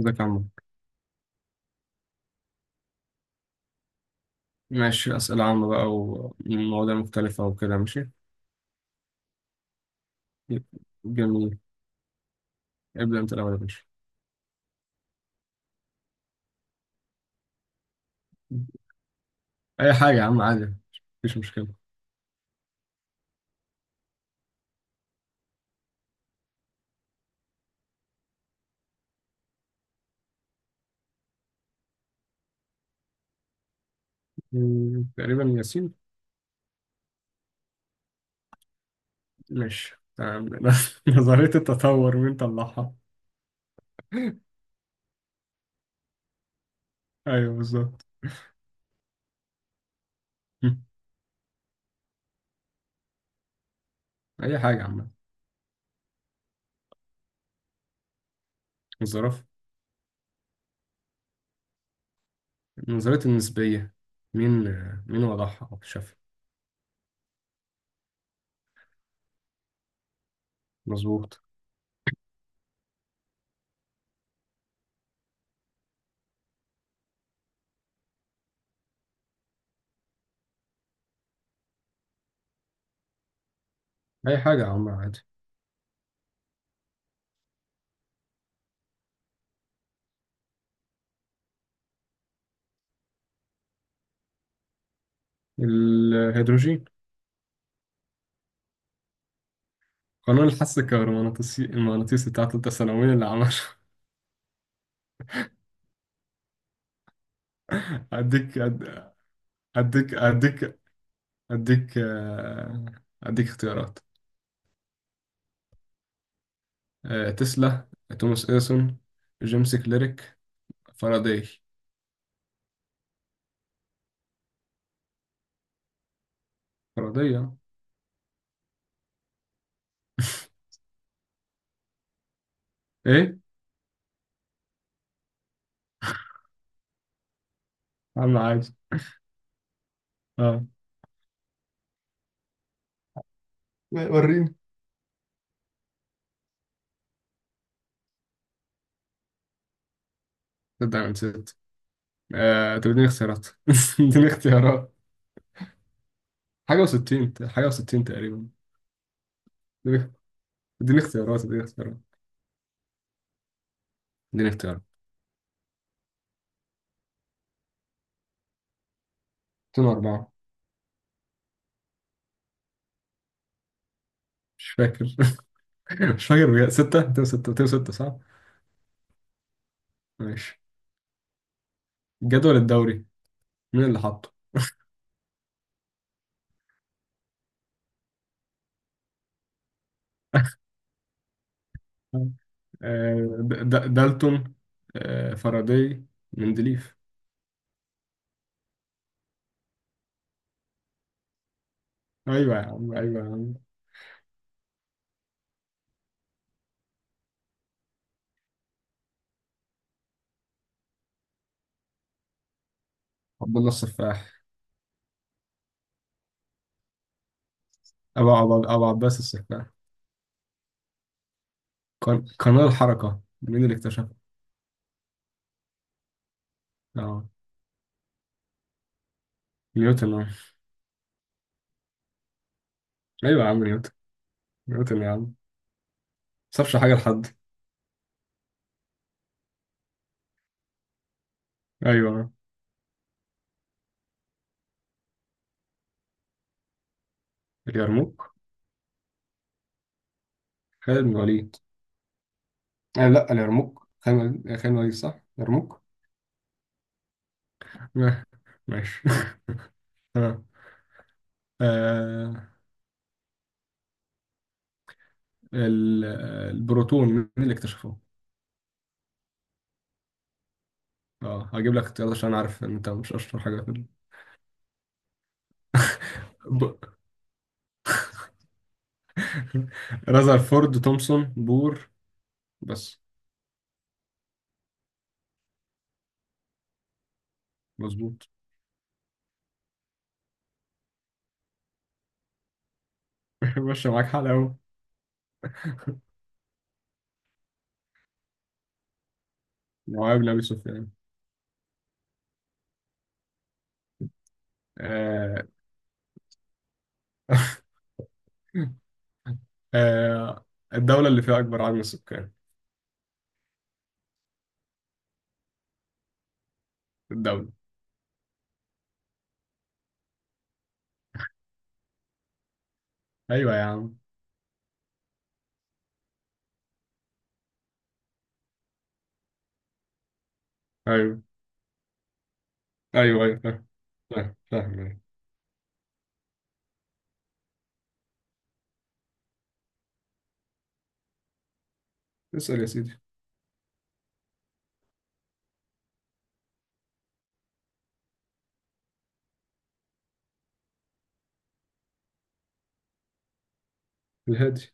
ازيك يا عم. ماشي، أسئلة عامة بقى ومواضيع مختلفة وكده، ماشي. جميل. ابدأ أنت الأول يا باشا. أي حاجة يا عم، عادي، مفيش مشكلة. مم، تقريبا ياسين. ماشي، تمام. نظرية التطور مين طلعها؟ أيوه بالظبط. مم. أي حاجة يا عم. الظرف. نظرية النسبية، مين وضعها أو اكتشفها؟ مظبوط. أي حاجة يا عم، عادي. الهيدروجين. قانون الحث الكهرومغناطيسي المغناطيسي بتاع تالتة ثانوي، اللي عمله؟ أديك أد- أديك أديك أديك اختيارات. تسلا، توماس إديسون، جيمس كليرك، فاراداي. فاراداي. إيه؟ عم عادي. أه. لا، وريني. تبدأ من ست. طب اديني اختيارات. اديني اختيارات. حاجة وستين، حاجة وستين تقريبا. اديني اديني اختيارات اديني اختيارات. 2004. مش فاكر. مش فاكر بجد. ستة، 2006، صح؟ ماشي. الجدول الدوري، مين اللي حاطه؟ آه، دالتون، فاراداي، مندليف. ايوه يا عم، ايوه يا عم. عبد الله السفاح. ابو عباس السفاح. قانون الحركه، مين اللي اكتشفه؟ اه، نيوتن. . ايوه يا عم نيوتن، يا عم ما سابش حاجه لحد. ايوه. اليرموك، خالد بن الوليد. آه لا، اليرموك، خالد بن الوليد، صح، اليرموك. آه، ماشي. تمام. آه ال- البروتون، مين اللي اكتشفه؟ اه، هجيب لك اختيارات عشان عارف ان انت مش اشطر حاجه في ال- ب... رذرفورد، تومسون، بور. بس. مظبوط. ماشي، معاك حلقة أوي. معاوية بن أبي سفيان. آه... آه... الدولة اللي فيها أكبر عدد من السكان. الدولة. أيوة يا عم. أيوة، أيوة فاهم، فاهم أيوة. اسأل يا سيدي. الهادي.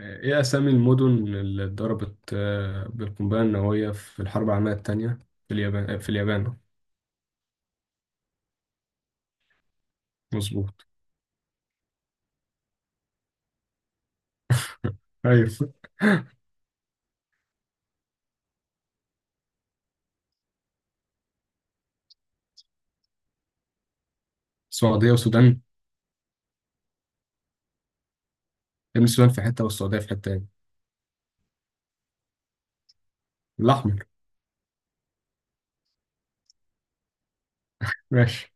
إيه أسامي المدن اللي اتضربت بالقنبلة النووية في الحرب العالمية التانية في اليابان، في اليابان. مظبوط. أيوة. السعودية والسودان. ابن السودان في حتة والسعودية في حتة تاني. الأحمر. ماشي.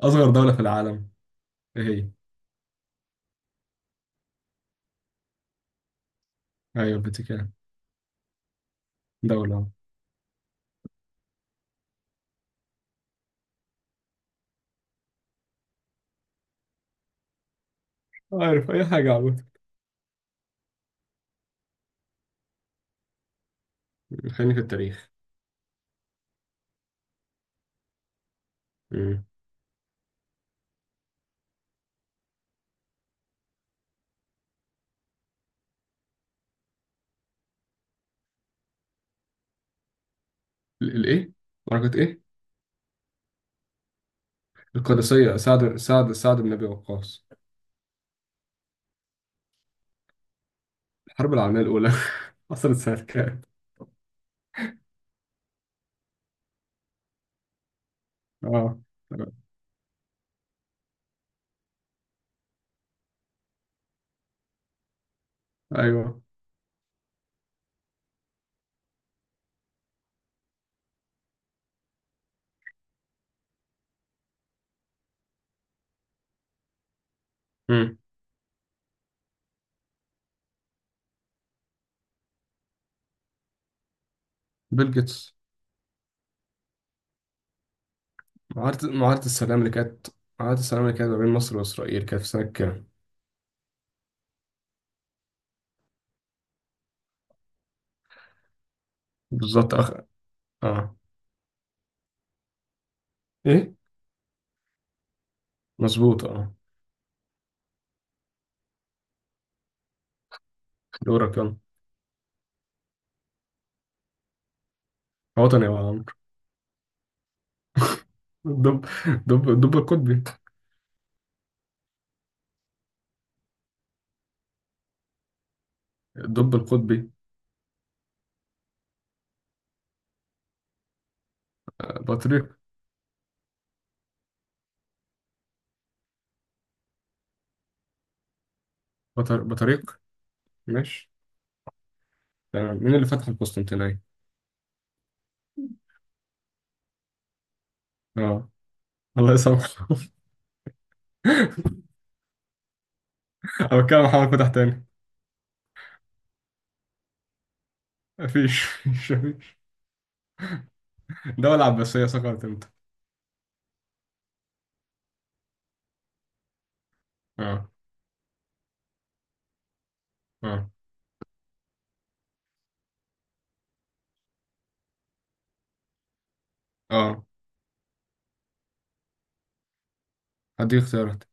أصغر دولة في العالم إيه هي؟ أيوة الفاتيكان. دولة أهو. عارف أي حاجة، عمود. خليني في التاريخ. مم. ال- الإيه؟ معركة إيه؟ القادسية، سعد بن أبي وقاص. الحرب العالمية الأولى حصلت سنة كام؟ آه. أيوه. مم. بيل جيتس. معاهدة السلام اللي كانت، معاهدة السلام اللي كانت ما بين مصر وإسرائيل، كانت في سنة كام؟ بالظبط، أخ. آه. إيه؟ مظبوط. آه. دورك، يلا. وطني يا عمرو. الدب القطبي. الدب القطبي. بطريق. بطر... بطريق. ماشي. تمام. مين اللي فتح القسطنطينية؟ اه. الله يسامحه. أو كان محمد فتح تاني؟ مفيش. الدولة العباسية سقطت امتى؟ اه. اه. اه، هديك اختيارات.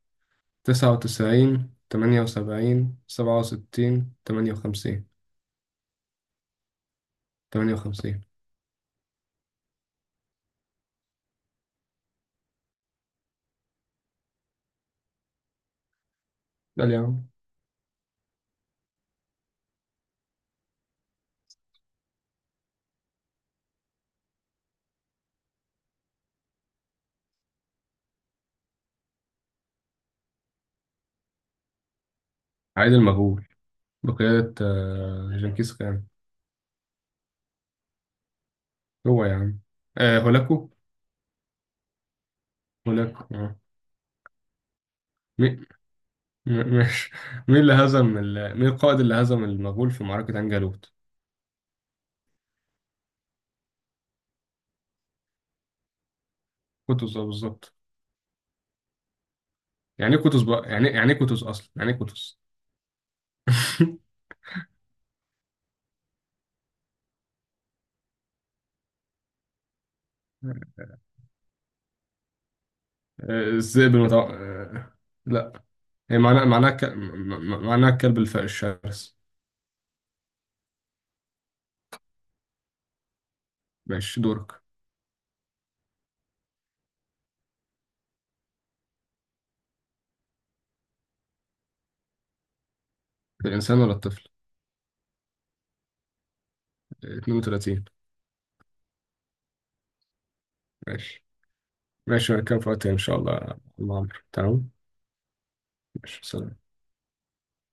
تسعة وتسعين، تمانية وسبعين، سبعة وستين، تمانية وخمسين. تمانية وخمسين. ده يا عم. عيد المغول، بقيادة جنكيز خان. هو يا عم. آه، هولاكو. هولاكو، اه. مي- م- ماشي. مين اللي هزم ال... مين القائد اللي هزم المغول في معركة عين جالوت؟ كوتوس، اه، بالظبط. يعني ايه كوتوس بقى، يعني ايه كوتوس اصلا، يعني ايه كوتوس؟ آه، الذئب المتوقع. لا. هي معناها معناها الكلب الشرس. ماشي. دورك. الانسان ولا الطفل؟ 32. ماشي. ماشي، نتكلم في وقت تاني ان شاء الله يا عم عمرو. تمام. ماشي، سلام.